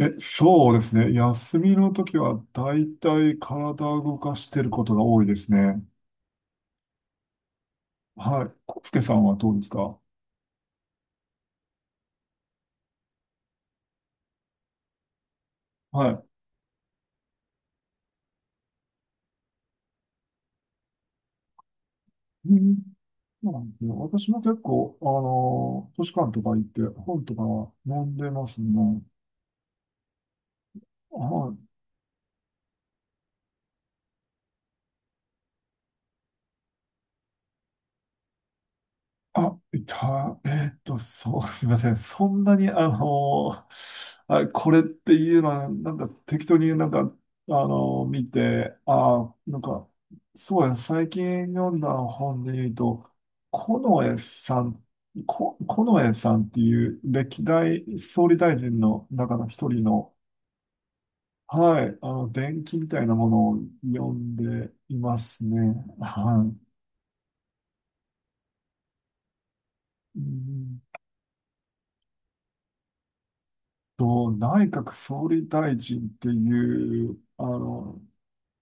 え、そうですね。休みの時は大体体を動かしてることが多いですね。はい。コスケさんはどうですか？はい。うん、そうなんですよ。私も結構、あの図書館とか行って本とかは読んでますね。はい。あ、いた、えーっと、そう、すみません。そんなに、あの、あ、これっていうのは、なんか適当になんか、あの、見て、そうや、最近読んだ本で言うと、近衛さん、近衛さんっていう歴代総理大臣の中の一人の、はい、あの、伝記みたいなものを読んでいますね。はい。うん内閣総理大臣っていう、あの、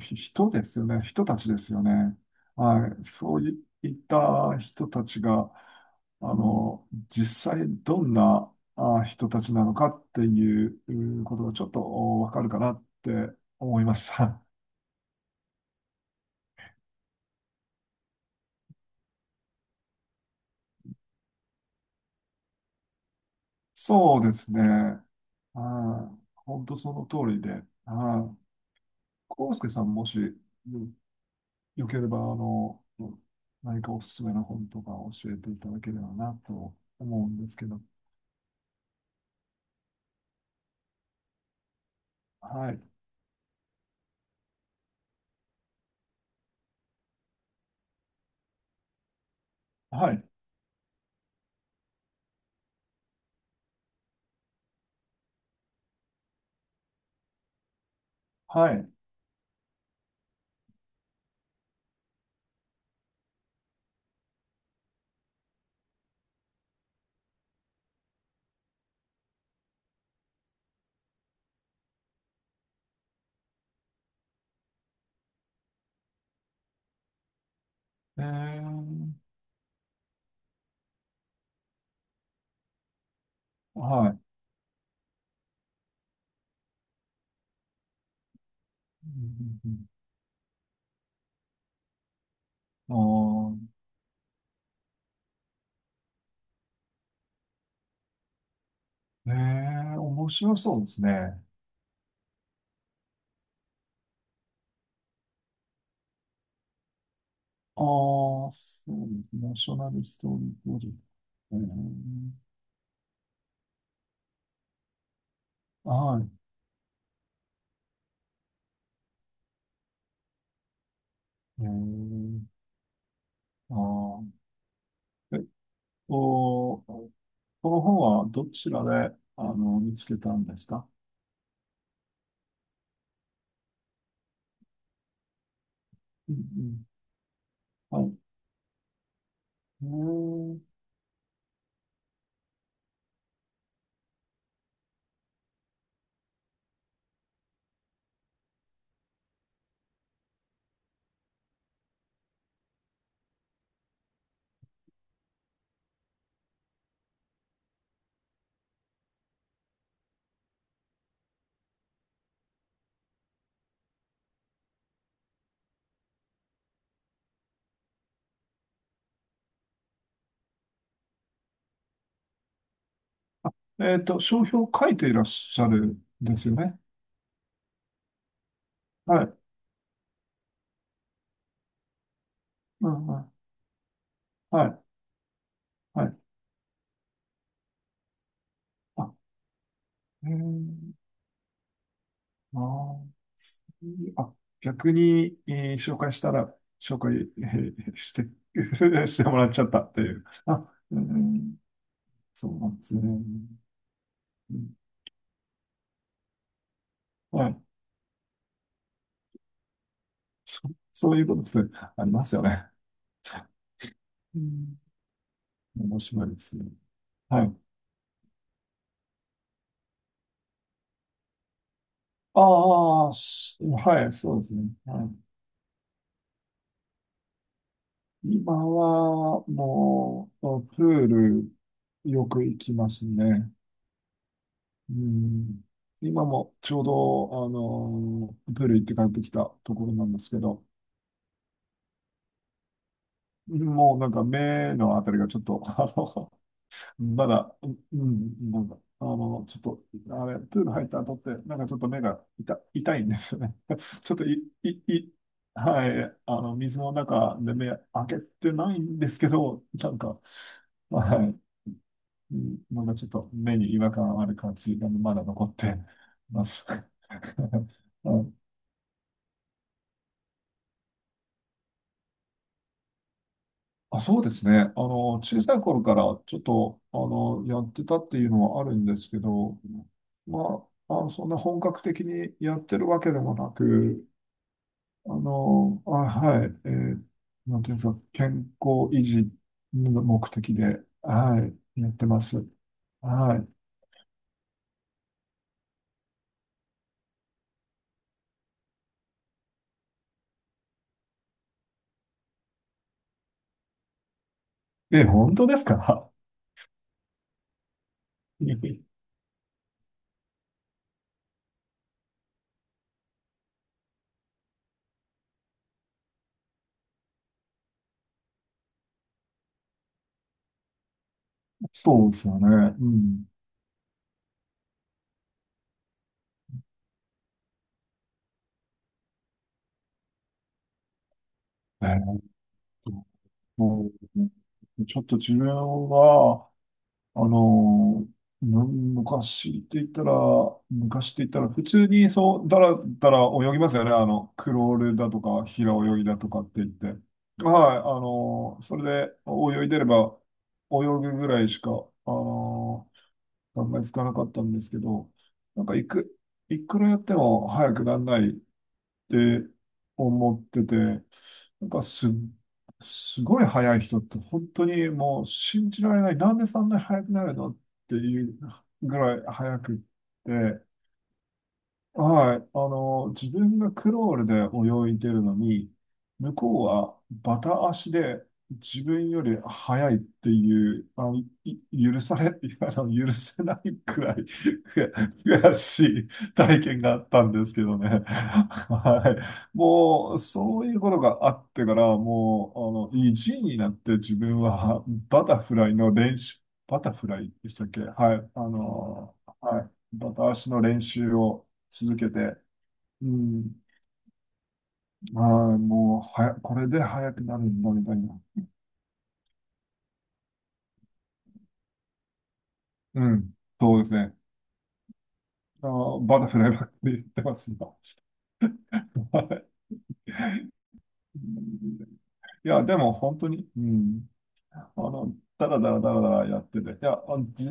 人ですよね。人たちですよね。はい。そういった人たちが、あの、実際どんなあ人たちなのかっていううんことがちょっとわかるかなって思いました。そうですね。はい。本当その通りで。はい。康介さん、もし、んよければ、あの、何かおすすめの本とか教えていただければなと思うんですけど。はい。はい。はい。えー、はい。うんうんあー、えー、面白そうですね。ああ、そうですね。ナショナルストーリープロジェクト。えー、はい。えー、あー、えっと、この本はどちらで、あの、見つけたんですか？うんうん。はい。えー、えっと、商標を書いていらっしゃるんですよね。はい。うんうん。はい。はい。あ、えー、あー、そういうあ、逆に、えー紹介したら、紹介、えーして、してもらっちゃったっていう。あ、うん、そうなんですね。うん、はい。そ、そういうことってありますよね。うん。面白いですね。はい。ああ、はい、そうですね。はい、今は、もう、プール、よく行きますね。うん。今もちょうど、あのープール行って帰ってきたところなんですけど、もうなんか目のあたりがちょっと、あの、まだ、うん、うん、なんか、あの、ちょっと、あれ、プール入った後って、なんかちょっと目が痛、痛いんですよね。ちょっとい、い、い、はい、あの、水の中で目開けてないんですけど、なんか、はい、うん、まだちょっと目に違和感ある感じがまだ残って ます。うん、あ、そうですね。あの、小さい頃からちょっと、あの、やってたっていうのはあるんですけど、まあ、あの、そんな本格的にやってるわけでもなく、はい、えー、なんていうんですか、健康維持の目的で、はい、やってます。はい。え、本当ですか？ そうですよね。うん。えー、うん、ちょっと自分は、あの、昔って言ったら、昔って言ったら、普通にそう、だらだら泳ぎますよね。あの、クロールだとか、平泳ぎだとかって言って。はい、あの、それで泳いでれば、泳ぐぐらいしか、あの、考えつかなかったんですけど、なんかいく、いくらやっても早くならないって思ってて、なんかす、すごい速い人って本当にもう信じられない。なんでそんなに速くなるのっていうぐらい速くって、はい。あの、自分がクロールで泳いでるのに、向こうはバタ足で自分より速いっていう、あの、い許され、あの、許せないくらい悔しい体験があったんですけどね。はい。もう、そういうことがあってから、もう、あの、意地になって自分はバタフライの練習、バタフライでしたっけ？はい。あの、はい。バタ足の練習を続けて、うん、ああ、もうはや、これで速くなるんだ、みたいな。うん、そうですね。あー、バタフライばっかり言ってます、今。うん、いや、でも本当に、うん、あの、だらだらだらだらやってて、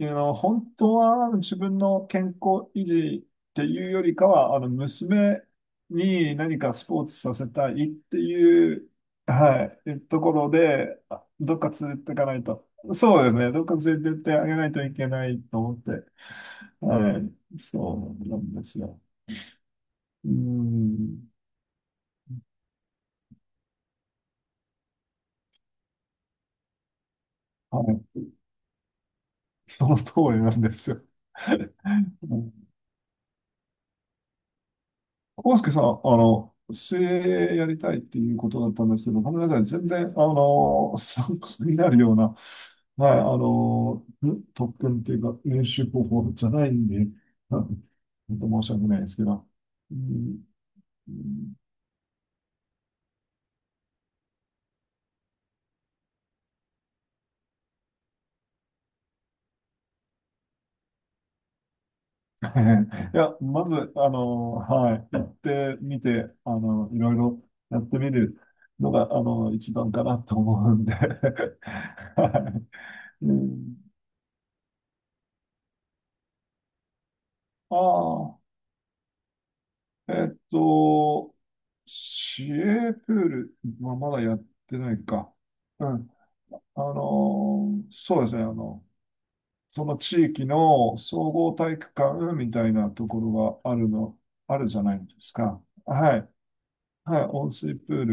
あの、本当はあの自分の健康維持っていうよりかは、あの、娘に何かスポーツさせたいっていう、はい、ところで、あ、どっか連れていかないと。そうですね、どっか連れてってあげないといけないと思って、はい、そうなんですよ。うん、はい、その通りなんですよ。康介さん、あの、水泳やりたいっていうことだったんですけど、ごめんなさい。全然、あの、参考になるような、はい、あの、特訓っていうか、練習方法じゃないんで、あ、本当申し訳ないですけど。うんうん。 いや、まず、あの、はい、行ってみて、あの、いろいろやってみるのが、あの、一番かなと思うんで。はい。うん、ああ、えっと、市営プールはまだやってないか。うん。あの、そうですね。あの、その地域の総合体育館みたいなところがあるの、あるじゃないですか。はい。はい。温水プー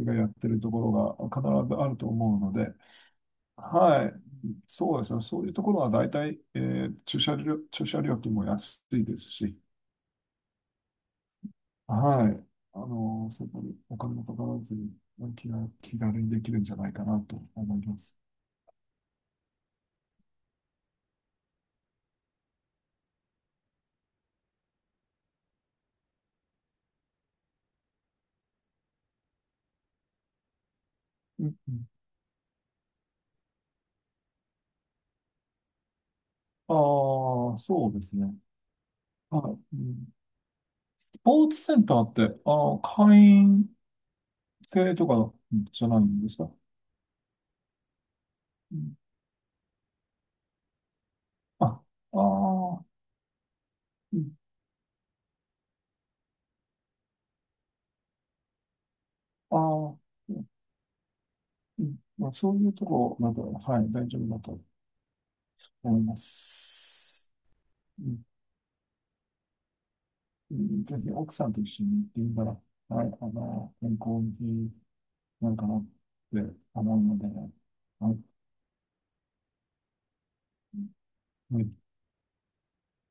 ルがやってるところが必ずあると思うので、はい。そうですね。そういうところは大体、えー、駐車料金も安いですし、はい。あの、そこにお金もかからずに、気軽にできるんじゃないかなと思います。うんうん、ああ、そうですね。はい。うん、スポーツセンターって、ああ、会員制とかじゃないんですか？うん、あ、ああ、うん、ああ、うんうん、まあ、そういうところなど、はい、大丈夫だと思います。うん、うん、ぜひ奥さんと一緒に現場、はい、あの、健康になんかなって思うので、あの、